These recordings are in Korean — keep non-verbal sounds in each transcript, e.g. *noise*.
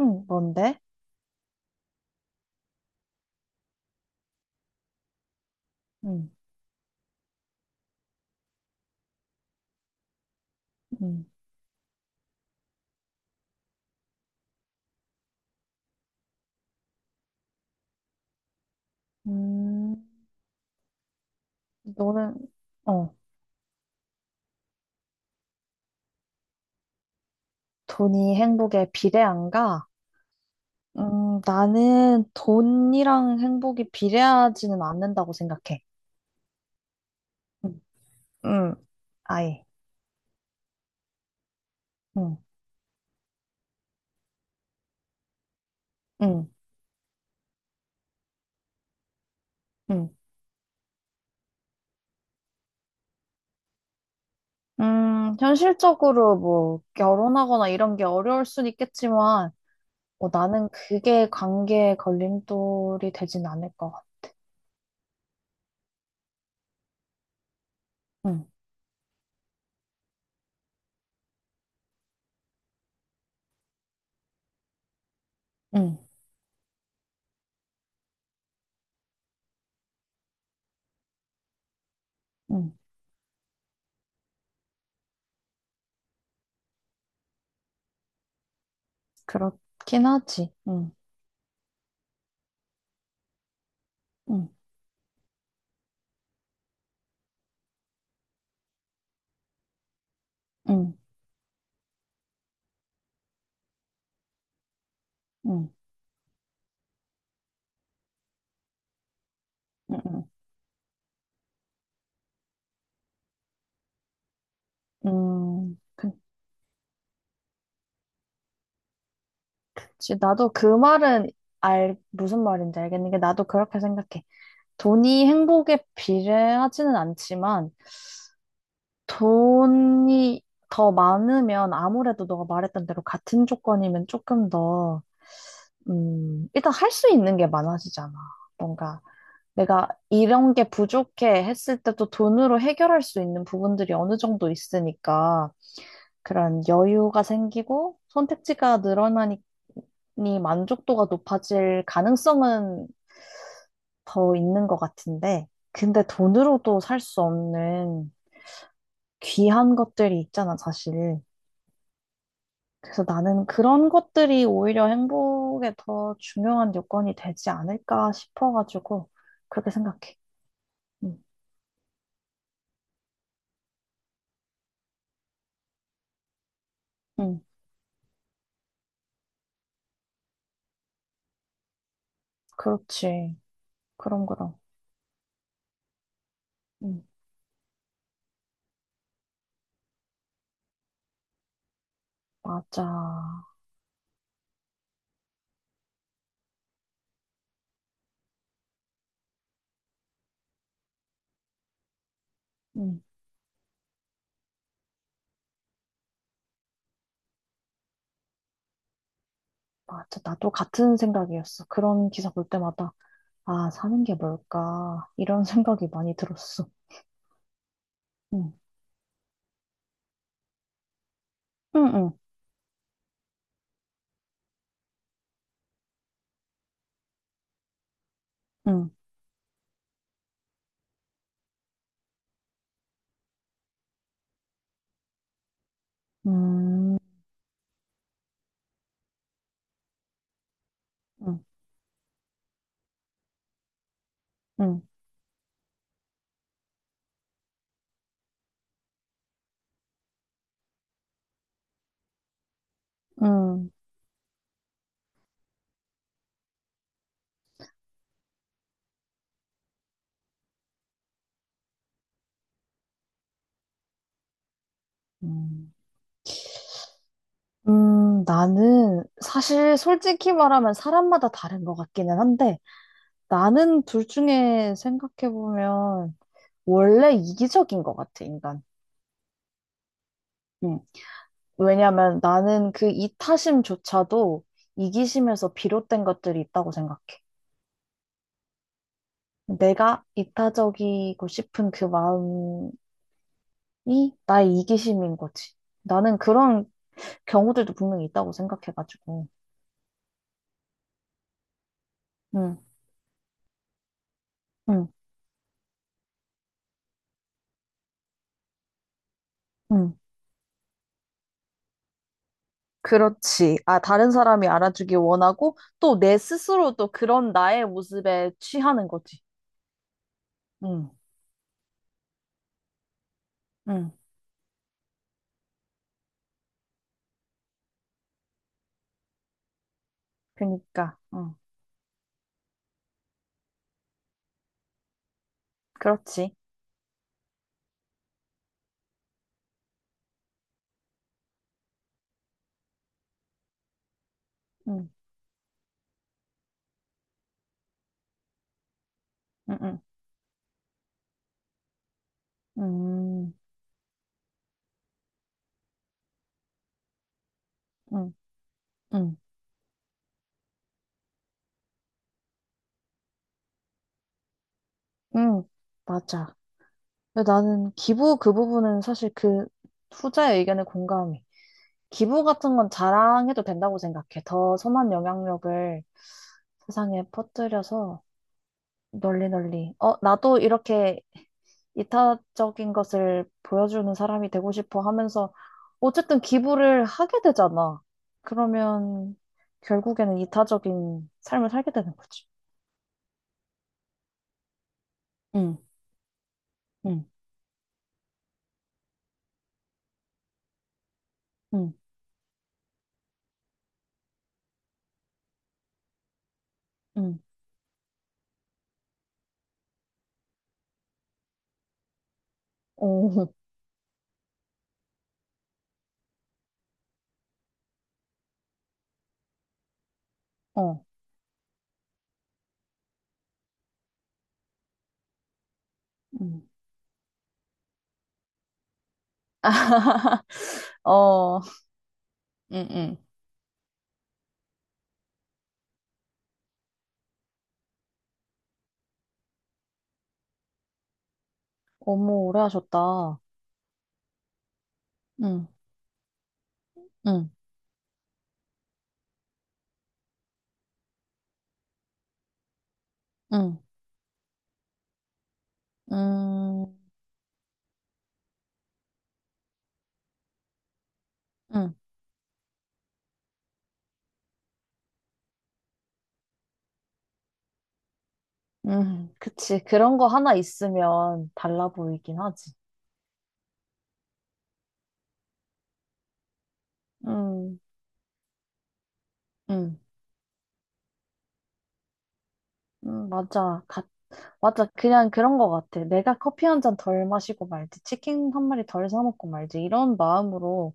응, 뭔데? 응, 응. 음, 너는, 어, 돈이 행복에 비례한가? 나는 돈이랑 행복이 비례하지는 않는다고 생각해. 응, 응, 아예. 응, 응, 응. 현실적으로 뭐, 결혼하거나 이런 게 어려울 순 있겠지만, 뭐, 나는 그게 관계의 걸림돌이 되진 않을 것 같아. 응, 응, 응. 그렇긴 하지. 응, 응, 응, 응, 응. 응. 그치. 나도 그 말은 무슨 말인지 알겠는 게 나도 그렇게 생각해. 돈이 행복에 비례하지는 않지만 돈이 더 많으면 아무래도 너가 말했던 대로 같은 조건이면 조금 더, 일단 할 수 있는 게 많아지잖아. 뭔가 내가 이런 게 부족해 했을 때도 돈으로 해결할 수 있는 부분들이 어느 정도 있으니까 그런 여유가 생기고 선택지가 늘어나니 만족도가 높아질 가능성은 더 있는 것 같은데, 근데 돈으로도 살 수 없는 귀한 것들이 있잖아, 사실. 그래서 나는 그런 것들이 오히려 행복에 더 중요한 요건이 되지 않을까 싶어가지고, 그렇게 생각해. 응, 응, 그렇지. 그럼, 그럼. 응, 맞아. 응, 맞아. 나도 같은 생각이었어. 그런 기사 볼 때마다. 아, 사는 게 뭘까? 이런 *laughs* 생각이 많이 들었어. 응, 응, 응, 응, 응, 응, 응, 응. 나는 사실 솔직히 말하면 사람마다 다른 것 같기는 한데 나는 둘 중에 생각해보면 원래 이기적인 것 같아, 인간. 응. 왜냐면 나는 그 이타심조차도 이기심에서 비롯된 것들이 있다고 생각해. 내가 이타적이고 싶은 그 마음 이 나의 이기심인 거지. 나는 그런 경우들도 분명히 있다고 생각해가지고. 응, 응, 응. 그렇지. 아, 다른 사람이 알아주길 원하고 또 내 스스로도 그런 나의 모습에 취하는 거지. 응, 응. 그니까, 응. 그렇지. 응, 응, 응. 음, 응, 응, 응. 맞아. 근데 나는 기부 그 부분은 사실 그 후자의 의견에 공감해. 기부 같은 건 자랑해도 된다고 생각해. 더 선한 영향력을 세상에 퍼뜨려서 널리 널리. 어, 나도 이렇게 이타적인 것을 보여주는 사람이 되고 싶어 하면서 어쨌든 기부를 하게 되잖아. 그러면 결국에는 이타적인 삶을 살게 되는 거지. 응, 응, 응, 응. 오, 어, 응. *laughs* 어, 응, 응. 어머, 오래 하셨다. 응, 응, 응. 음, 음, 그치. 그런 거 하나 있으면 달라 보이긴 하지. 음, 음, 맞아. 맞아. 그냥 그런 거 같아. 내가 커피 한 잔 덜 마시고 말지, 치킨 한 마리 덜 사 먹고 말지, 이런 마음으로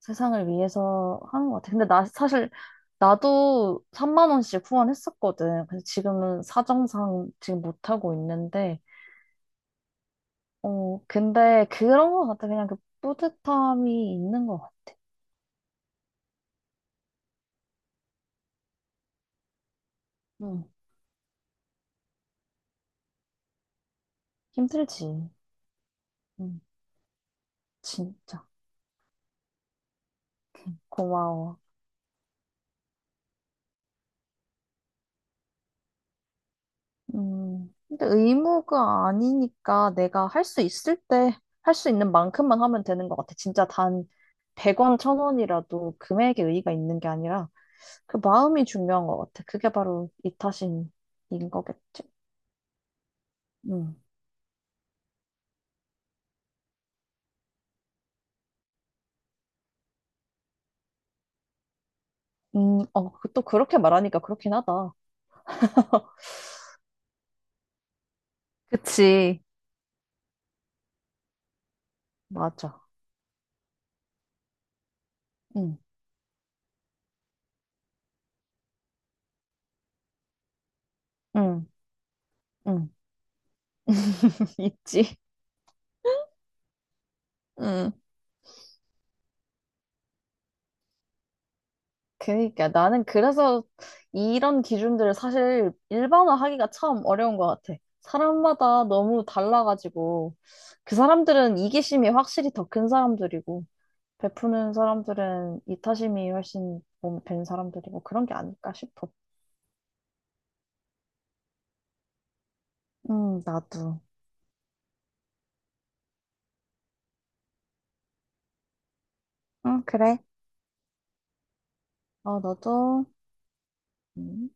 세상을 위해서 하는 거 같아. 근데 나 사실, 나도 3만 원씩 후원했었거든. 근데 지금은 사정상 지금 못하고 있는데, 어, 근데 그런 거 같아. 그냥 그 뿌듯함이 있는 거 같아. 음, 힘들지. 음, 진짜 고마워. 근데 의무가 아니니까 내가 할 수 있을 때 할 수 있는 만큼만 하면 되는 것 같아. 진짜 단 100원, 1000원이라도 금액에 의의가 있는 게 아니라 그 마음이 중요한 것 같아. 그게 바로 이타심인 거겠지? 음, 어, 또 그렇게 말하니까 그렇긴 하다. 그치. 맞아. 응, 응, 응. *laughs* 있지. 응. 그러니까 나는 그래서 이런 기준들을 사실 일반화하기가 참 어려운 것 같아. 사람마다 너무 달라가지고 그 사람들은 이기심이 확실히 더 큰 사람들이고 베푸는 사람들은 이타심이 훨씬 몸밴 사람들이고 그런 게 아닐까 싶어. 나도. 응, 그래. 어, 너도. 음.